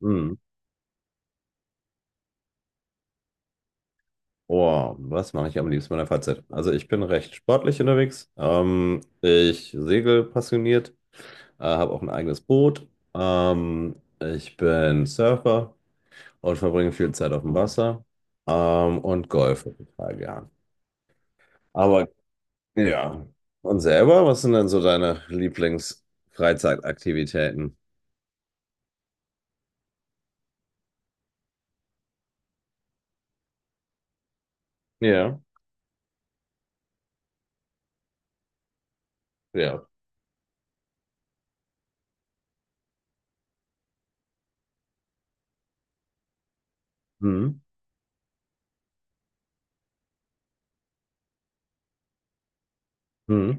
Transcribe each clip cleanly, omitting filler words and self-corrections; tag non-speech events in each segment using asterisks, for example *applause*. Hm. Oh, was mache ich am liebsten in meiner Freizeit? Also ich bin recht sportlich unterwegs. Ich segel passioniert, habe auch ein eigenes Boot. Ich bin Surfer und verbringe viel Zeit auf dem Wasser. Und golfe total gern. Aber ja. Und selber, was sind denn so deine Lieblingsfreizeitaktivitäten? Ja, ja. Hm. Hm.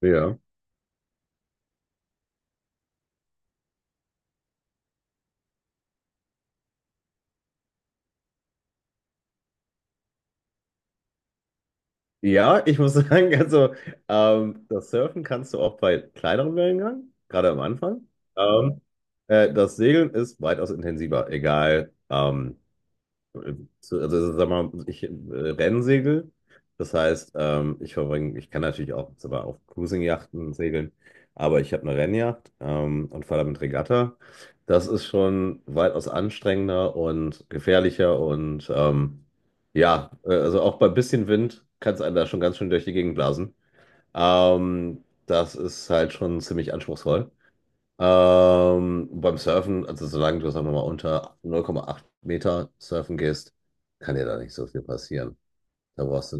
Ja. Ja, ich muss *laughs* sagen, also das Surfen kannst du auch bei kleineren Wellengang, gerade am Anfang. Ähm, Das Segeln ist weitaus intensiver, egal zu- sag mal, ich Rennsegel. Das heißt, ich kann natürlich auch sogar auf Cruising-Yachten segeln, aber ich habe eine Rennjacht und fahre damit Regatta. Das ist schon weitaus anstrengender und gefährlicher und ja, also auch bei bisschen Wind kann es einen da schon ganz schön durch die Gegend blasen. Das ist halt schon ziemlich anspruchsvoll. Beim Surfen, also solange du, sagen wir mal, unter 0,8 Meter surfen gehst, kann dir da nicht so viel passieren. Da brauchst du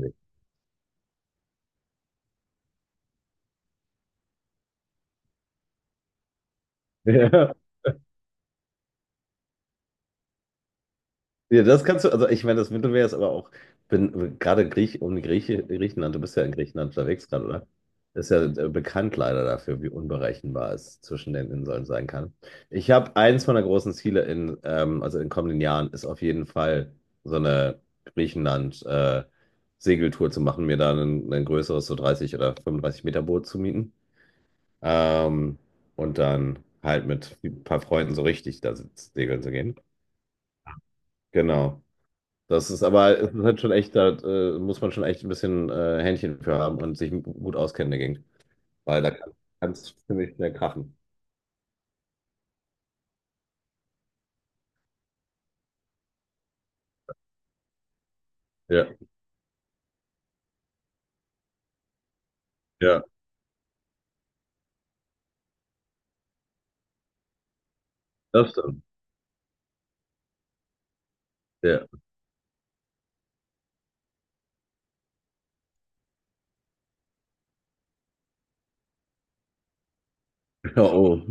nicht. *laughs* Ja, das kannst du, also ich meine, das Mittelmeer ist aber auch, bin gerade Grieche, du bist ja in Griechenland unterwegs gerade, oder? Ist ja bekannt leider dafür, wie unberechenbar es zwischen den Inseln sein kann. Ich habe eins meiner großen Ziele in also in kommenden Jahren, ist auf jeden Fall so eine Griechenland-Segeltour zu machen, mir da ein größeres, so 30 oder 35 Meter Boot zu mieten. Ähm, und dann halt mit ein paar Freunden so richtig segeln zu gehen. Genau. Das ist aber Es ist halt schon echt, da muss man schon echt ein bisschen Händchen für haben und sich gut auskennen dagegen, weil da kann es ziemlich schnell krachen. Ja, ja, das stimmt. Ja. Ja, oh.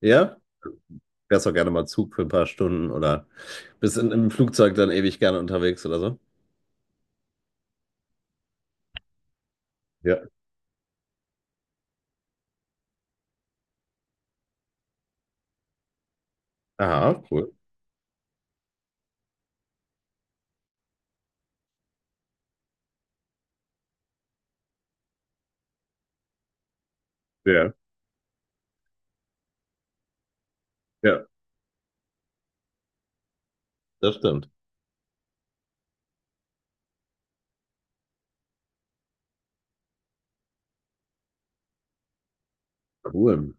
Ja? Wärst auch gerne mal Zug für ein paar Stunden oder bist im Flugzeug dann ewig gerne unterwegs oder so? Ja. Aha, cool. Ja, ja. Das stimmt. Cool.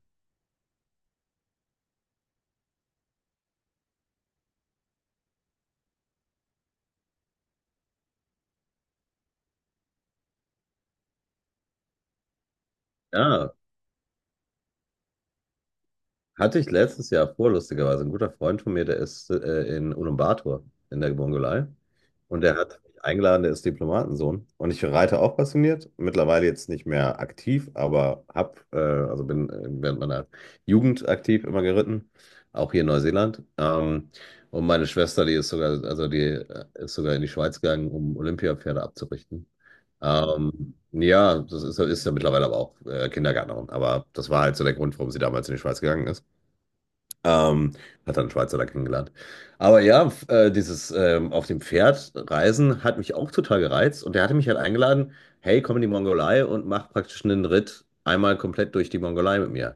Ja, hatte ich letztes Jahr vor, lustigerweise. Ein guter Freund von mir, der ist in Ulaanbaatar in der Mongolei. Und der hat mich eingeladen, der ist Diplomatensohn. Und ich reite auch passioniert. Mittlerweile jetzt nicht mehr aktiv, aber hab, also bin während meiner Jugend aktiv immer geritten. Auch hier in Neuseeland. Und meine Schwester, die ist sogar in die Schweiz gegangen, um Olympiapferde abzurichten. Ja, ist ja mittlerweile aber auch Kindergärtnerin. Aber das war halt so der Grund, warum sie damals in die Schweiz gegangen ist. Ähm, Hat dann einen Schweizer da kennengelernt. Aber ja, f- dieses auf dem Pferd reisen hat mich auch total gereizt. Und der hatte mich halt eingeladen, hey, komm in die Mongolei und mach praktisch einen Ritt einmal komplett durch die Mongolei mit mir.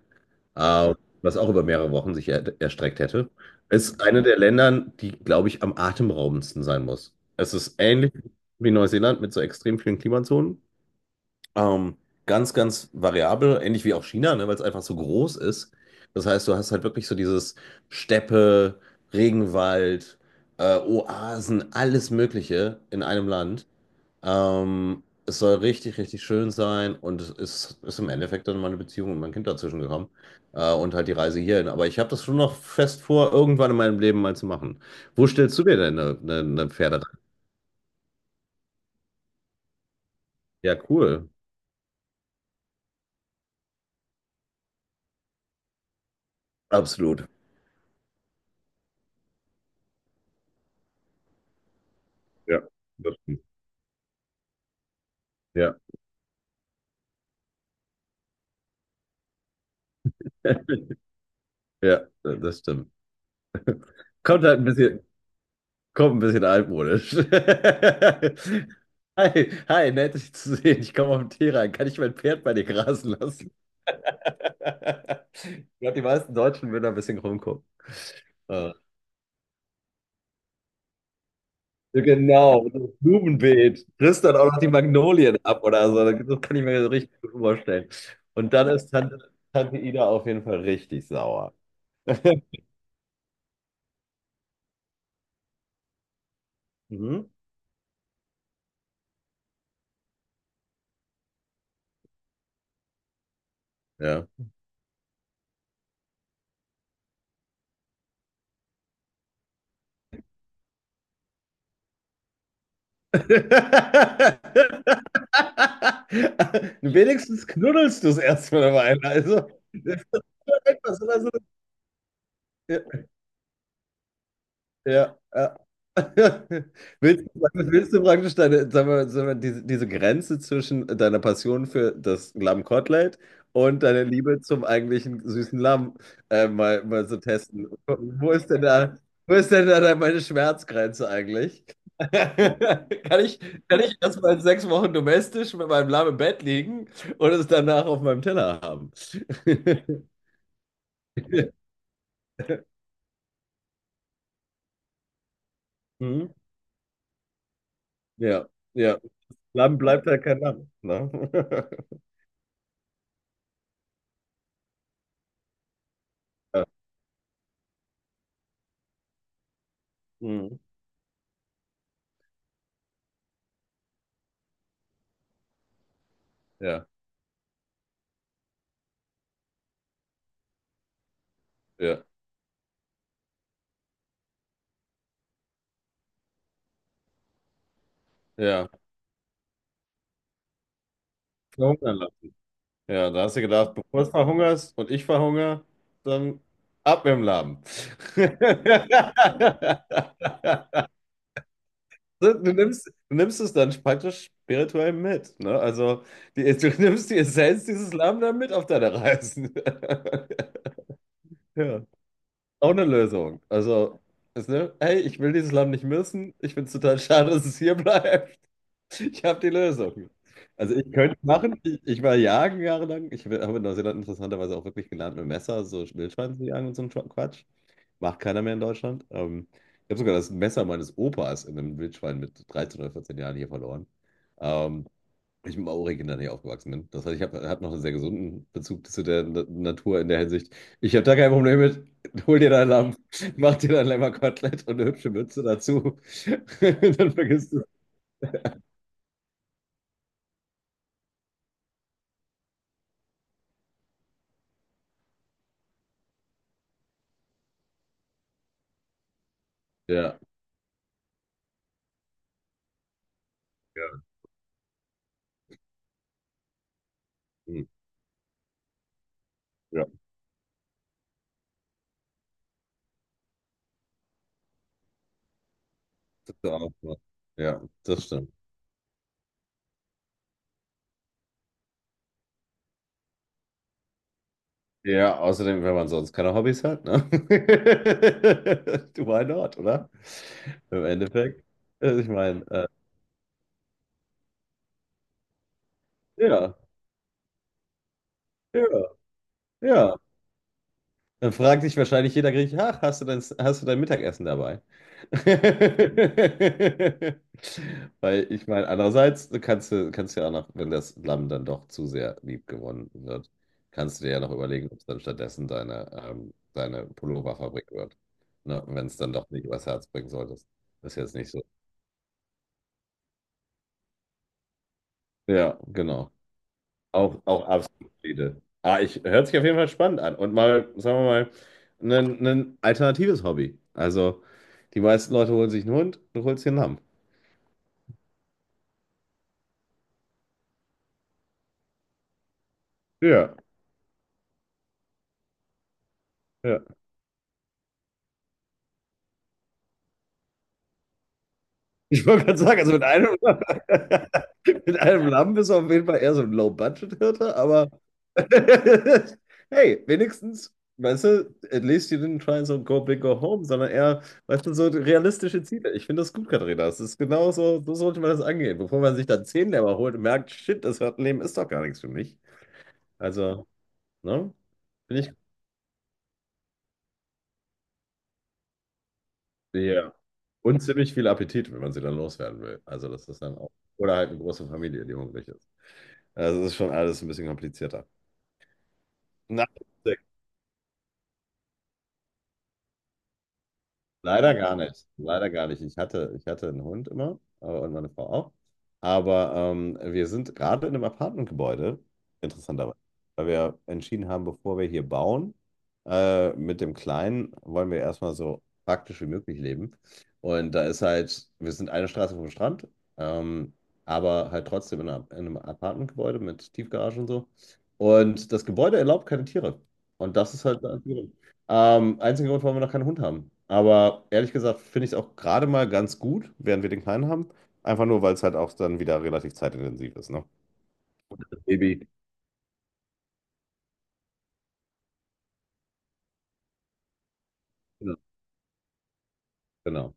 Ähm, Was auch über mehrere Wochen sich er erstreckt hätte. Ist eine der Ländern, die, glaube ich, am atemberaubendsten sein muss. Es ist ähnlich wie Neuseeland mit so extrem vielen Klimazonen. Ähm, Ganz, ganz variabel, ähnlich wie auch China, ne, weil es einfach so groß ist. Das heißt, du hast halt wirklich so dieses Steppe, Regenwald, Oasen, alles Mögliche in einem Land. Es soll richtig, richtig schön sein und ist im Endeffekt dann meine Beziehung und mein Kind dazwischen gekommen und halt die Reise hierhin. Aber ich habe das schon noch fest vor, irgendwann in meinem Leben mal zu machen. Wo stellst du dir denn eine Pferde? Ja, cool. Absolut. Ja, das stimmt. Ja. *laughs* Ja, das stimmt. Kommt halt ein bisschen, Kommt ein bisschen altmodisch. *laughs* Hi, hi, nett dich zu sehen. Ich komme auf den Tee rein. Kann ich mein Pferd bei dir grasen lassen? *laughs* Ich glaube, die meisten Deutschen würden da ein bisschen rumgucken. Äh, ja, genau, das Blumenbeet. Frisst dann auch noch die Magnolien ab oder so. Das kann ich mir so richtig gut vorstellen. Und dann ist Tante, Tante Ida auf jeden Fall richtig sauer. Mhm. Ja. *laughs* Wenigstens knuddelst du es erstmal dabei. Also, das ist doch etwas, oder so. Ja. Ja, ja. *laughs* Willst du praktisch deine, sagen wir, diese Grenze zwischen deiner Passion für das Lammkotelett und deiner Liebe zum eigentlichen süßen Lamm mal so testen? Wo ist denn da, wo ist denn da meine Schmerzgrenze eigentlich? *laughs* Kann ich, kann ich erstmal 6 Wochen domestisch mit meinem Lamm im Bett liegen und es danach auf meinem Teller haben? *laughs* Hm? Ja, ja. Lamm bleibt halt kein Lamm. Ne? *laughs* Ja, mhm, ja, ja, ja. Verhungern lassen. Ja, da hast du gedacht, bevor es verhungerst und ich verhungere, dann ab mit dem Laden. *laughs* Du nimmst es dann praktisch spirituell mit, ne? Also die, du nimmst die Essenz dieses Lamm dann mit auf deine Reisen. *laughs* Ja, auch eine Lösung. Also, ist, ne? Hey, ich will dieses Lamm nicht missen. Ich finde es total schade, dass es hier bleibt. Ich habe die Lösung. Also ich könnte machen, ich war jagen jahrelang. Ich habe in Neuseeland interessanterweise auch wirklich gelernt, mit Messer so Wildschweine zu jagen und so ein Quatsch. Macht keiner mehr in Deutschland. Ich habe sogar das Messer meines Opas in einem Wildschwein mit 13 oder 14 Jahren hier verloren. Ähm, Ich mit Maori-Kindern hier aufgewachsen bin. Das heißt, ich hab noch einen sehr gesunden Bezug zu der Natur in der Hinsicht. Ich habe da kein Problem mit. Hol dir dein Lamm, mach dir dein Lämmerkotelett und eine hübsche Mütze dazu. *laughs* Dann vergisst du es. Ja. Ja. Hm. Ja, das ist auch so. Ja, das stimmt. Ja, außerdem, wenn man sonst keine Hobbys hat, ne? *laughs* Du, why not, oder? Im Endeffekt. Also ich meine, ja, ja, ja. Dann fragt sich wahrscheinlich jeder Grieche, ach, hast du dein Mittagessen dabei? *laughs* Weil ich meine, andererseits du kannst ja auch noch, wenn das Lamm dann doch zu sehr lieb gewonnen wird, kannst du dir ja noch überlegen, ob es dann stattdessen deine Pulloverfabrik wird. Ne? Wenn es dann doch nicht übers Herz bringen solltest. Das ist jetzt nicht so. Ja, genau. Auch, auch absolut Friede. Ah, ich, hört sich auf jeden Fall spannend an. Und mal, sagen wir mal, ein alternatives Hobby. Also, die meisten Leute holen sich einen Hund, du holst dir einen Lamm. Ja, ja. Ich wollte gerade sagen, also mit einem, *laughs* mit einem Lamm bist du auf jeden Fall eher so ein Low-Budget-Hirte, aber *laughs* hey, wenigstens, weißt du, at least you didn't try so go big go home, sondern eher, weißt du, so realistische Ziele. Ich finde das gut, Katharina. Das ist genau so, so sollte man das angehen, bevor man sich dann 10 Lämmer holt und merkt, shit, das Leben ist doch gar nichts für mich. Also, ne? Finde ich, ja. Und ziemlich viel Appetit, wenn man sie dann loswerden will. Also, das ist dann auch. Oder halt eine große Familie, die hungrig ist. Also, das ist schon alles ein bisschen komplizierter. Na, leider gar nicht. Leider gar nicht. Ich hatte einen Hund immer und meine Frau auch. Aber wir sind gerade in einem Apartmentgebäude, interessanterweise, weil wir entschieden haben, bevor wir hier bauen, mit dem Kleinen wollen wir erstmal so praktisch wie möglich leben. Und da ist halt, wir sind eine Straße vom Strand, ähm, aber halt trotzdem in einem Apartmentgebäude mit Tiefgarage und so. Und das Gebäude erlaubt keine Tiere. Und das ist halt. Einziger Grund, warum wir noch keinen Hund haben. Aber ehrlich gesagt finde ich es auch gerade mal ganz gut, während wir den Kleinen haben. Einfach nur, weil es halt auch dann wieder relativ zeitintensiv ist, ne? Das Baby. Genau. Genau,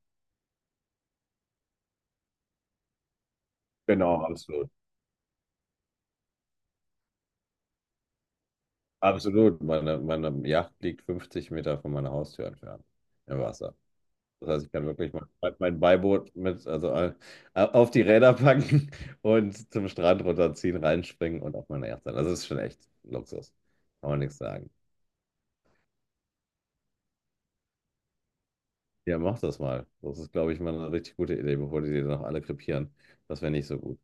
genau, absolut. Absolut. Meine Yacht liegt 50 Meter von meiner Haustür entfernt im Wasser. Das heißt, ich kann wirklich mein Beiboot mit, also auf die Räder packen *laughs* und zum Strand runterziehen, reinspringen und auf meine Yacht sein. Also, das ist schon echt Luxus. Kann man nichts sagen. Ja, mach das mal. Das ist, glaube ich, mal eine richtig gute Idee, bevor die noch alle krepieren. Das wäre nicht so gut.